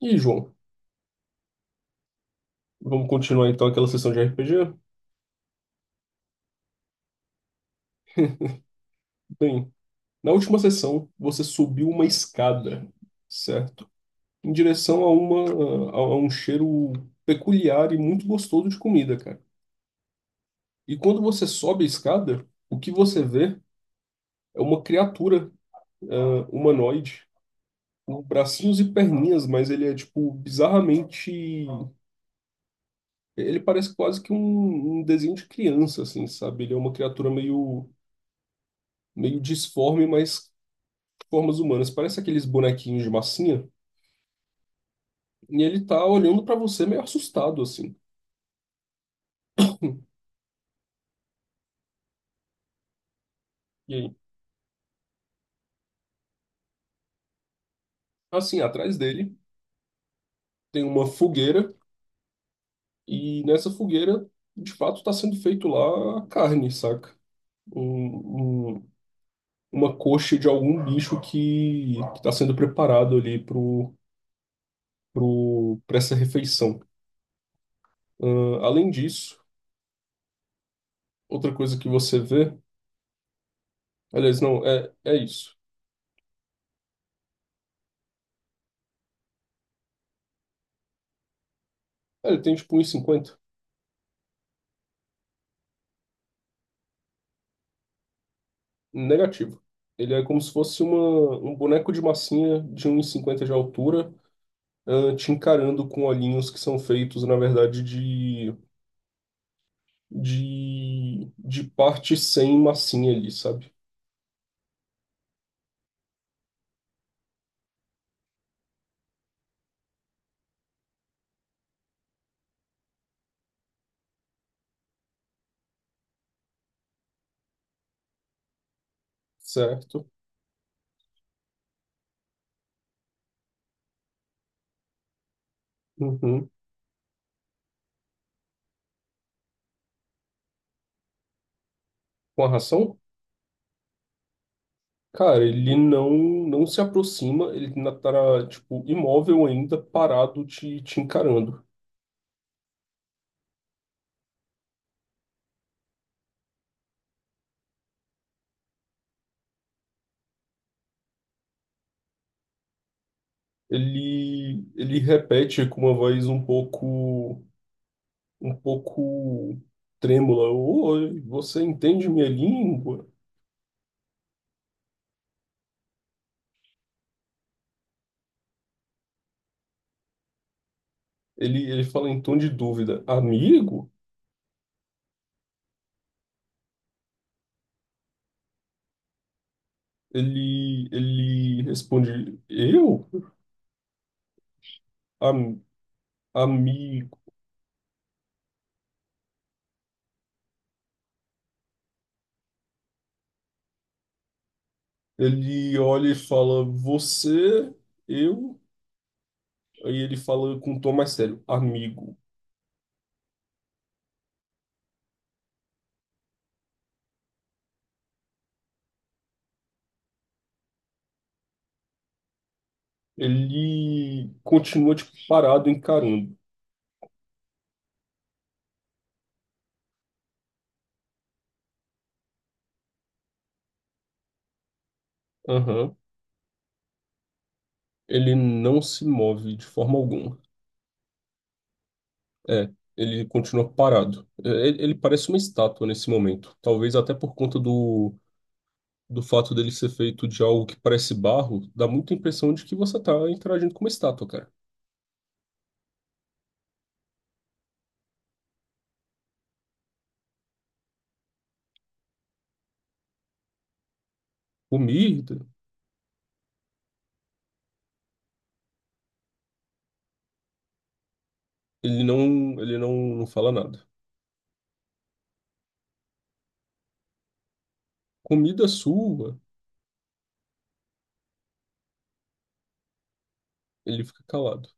E aí, João, vamos continuar então aquela sessão de RPG? Bem, na última sessão você subiu uma escada, certo? Em direção a a um cheiro peculiar e muito gostoso de comida, cara. E quando você sobe a escada, o que você vê é uma criatura, humanoide, com bracinhos e perninhas, mas ele é tipo bizarramente, ele parece quase que um desenho de criança, assim, sabe? Ele é uma criatura meio disforme, mas formas humanas. Parece aqueles bonequinhos de massinha. E ele tá olhando pra você meio assustado, assim. E aí? Assim, atrás dele tem uma fogueira. E nessa fogueira, de fato, tá sendo feito lá a carne, saca? Um, um- uma coxa de algum bicho que tá sendo preparado ali pra essa refeição. Além disso, outra coisa que você vê. Aliás, não, é isso. É, ele tem tipo um e cinquenta. Negativo. Ele é como se fosse um boneco de massinha de um e cinquenta de altura, ah, te encarando com olhinhos que são feitos, na verdade, de parte sem massinha ali, sabe? Certo? Uhum. Com a ração? Cara, ele não se aproxima, ele ainda tá, tipo, imóvel ainda, parado, te encarando. Ele repete com uma voz um pouco trêmula. Oi, você entende minha língua? Ele fala em tom de dúvida. Amigo? Ele responde, eu? Am, amigo. Ele olha e fala, você, eu? Aí ele fala com um tom mais sério, amigo. Ele continua, tipo, parado, encarando. Aham. Ele não se move de forma alguma. É, ele continua parado. É, ele parece uma estátua nesse momento. Talvez até por conta do fato dele ser feito de algo que parece barro, dá muita impressão de que você tá interagindo com uma estátua, cara. Comida, ele não fala nada. Comida sua, ele fica calado.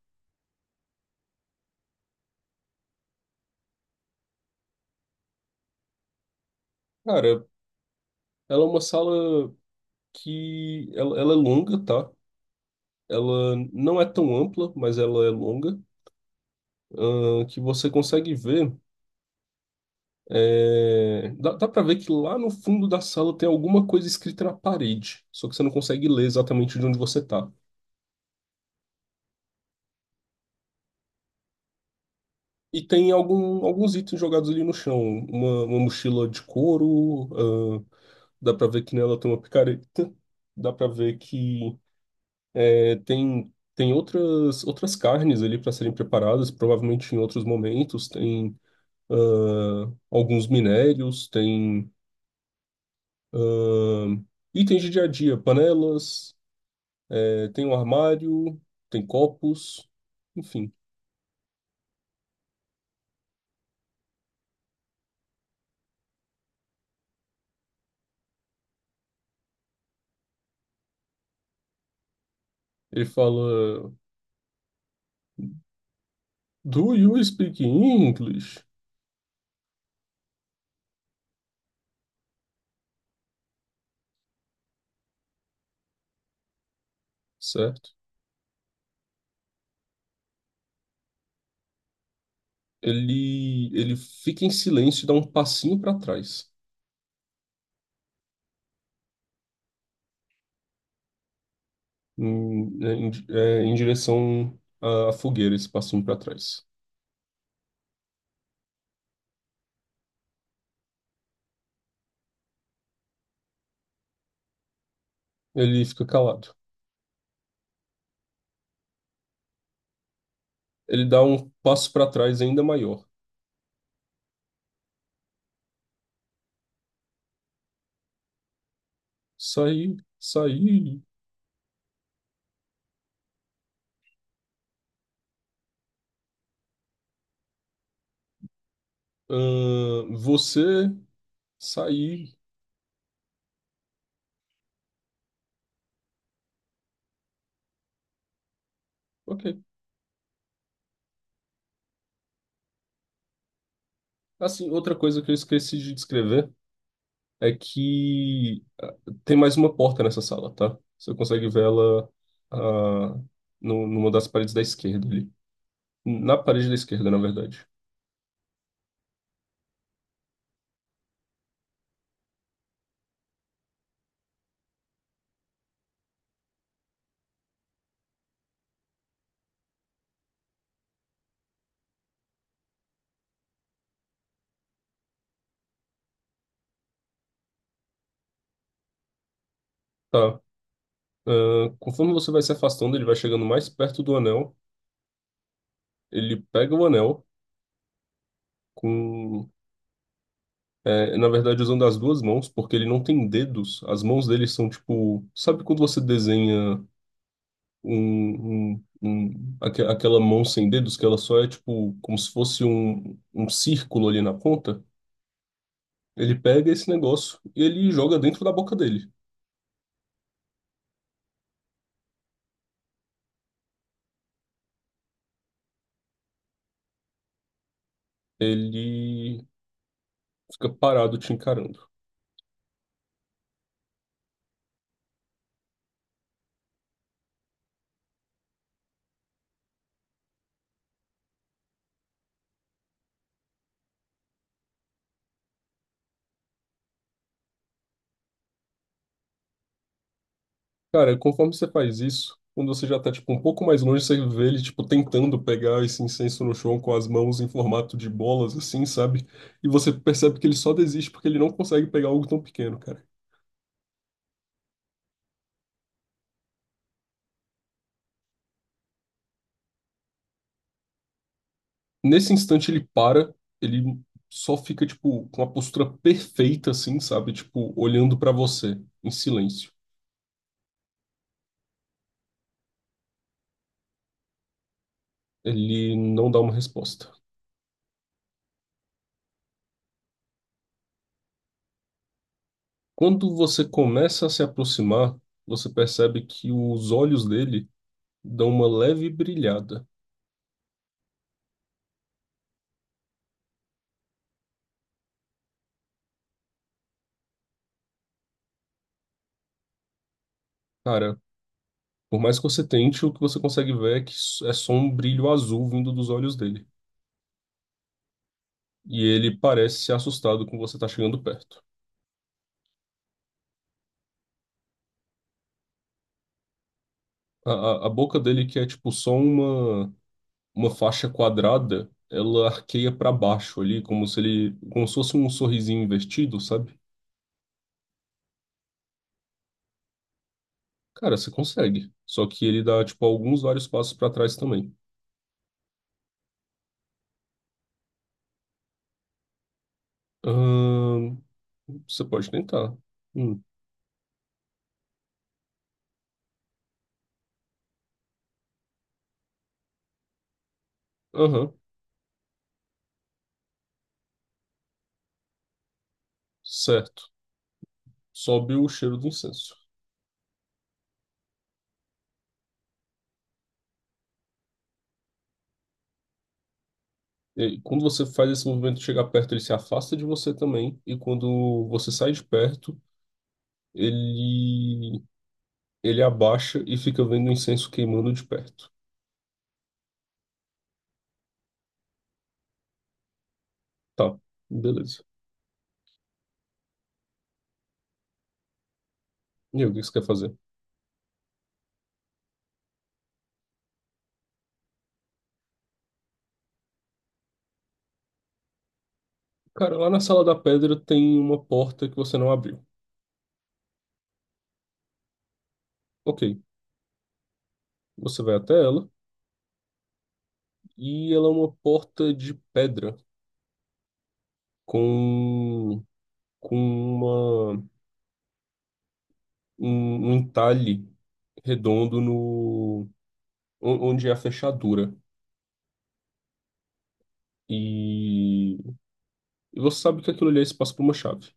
Cara, ela é uma sala que ela é longa, tá? Ela não é tão ampla, mas ela é longa, que você consegue ver. É, dá pra ver que lá no fundo da sala tem alguma coisa escrita na parede, só que você não consegue ler exatamente de onde você tá. E tem alguns itens jogados ali no chão, uma mochila de couro, ahn, dá pra ver que nela tem uma picareta, dá pra ver que tem outras carnes ali para serem preparadas, provavelmente em outros momentos, tem alguns minérios, tem ahn, itens de dia a dia, panelas. É, tem um armário, tem copos, enfim. Ele fala: Do you speak English? Certo? Ele fica em silêncio e dá um passinho para trás, em direção à fogueira, esse passinho para trás. Ele fica calado. Ele dá um passo para trás ainda maior. Saí, saí. Ahn, você, saí. Ok. Assim, outra coisa que eu esqueci de descrever é que ah, tem mais uma porta nessa sala, tá? Você consegue ver ela ah, no, numa das paredes da esquerda ali. Na parede da esquerda, na verdade. Tá. Ah, conforme você vai se afastando, ele vai chegando mais perto do anel. Ele pega o anel com. É, na verdade, usando as duas mãos, porque ele não tem dedos. As mãos dele são tipo. Sabe quando você desenha aquela mão sem dedos, que ela só é tipo como se fosse um círculo ali na ponta? Ele pega esse negócio e ele joga dentro da boca dele. Ele fica parado te encarando. Cara, conforme você faz isso, quando você já tá, tipo, um pouco mais longe, você vê ele, tipo, tentando pegar esse incenso no chão com as mãos em formato de bolas, assim, sabe? E você percebe que ele só desiste porque ele não consegue pegar algo tão pequeno, cara. Nesse instante ele para, ele só fica, tipo, com a postura perfeita, assim, sabe? Tipo, olhando pra você, em silêncio. Ele não dá uma resposta. Quando você começa a se aproximar, você percebe que os olhos dele dão uma leve brilhada. Cara, por mais que você tente, o que você consegue ver é que é só um brilho azul vindo dos olhos dele. E ele parece assustado com você tá chegando perto. A boca dele, que é tipo só uma faixa quadrada, ela arqueia para baixo ali, como se ele, como se fosse um sorrisinho invertido, sabe? Cara, você consegue. Só que ele dá, tipo, alguns vários passos para trás também. Ahn, você pode tentar. Hum, Aham, certo. Sobe o cheiro do incenso. E quando você faz esse movimento de chegar perto, ele se afasta de você também. E quando você sai de perto, ele ele abaixa e fica vendo o incenso queimando de perto. Tá, beleza. E aí, o que você quer fazer? Cara, lá na Sala da Pedra tem uma porta que você não abriu. Ok, você vai até ela e ela é uma porta de pedra com, com uma, um entalhe redondo no onde é a fechadura. E, e você sabe que aquilo ali é espaço para uma chave.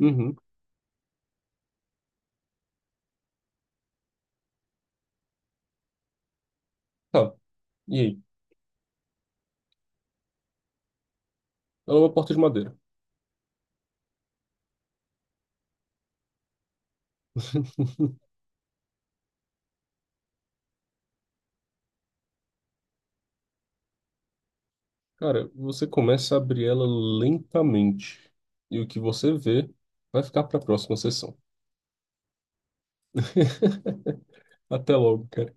Uhum, tá. E aí? Ela é uma porta de madeira. Cara, você começa a abrir ela lentamente e o que você vê vai ficar para a próxima sessão. Até logo, cara.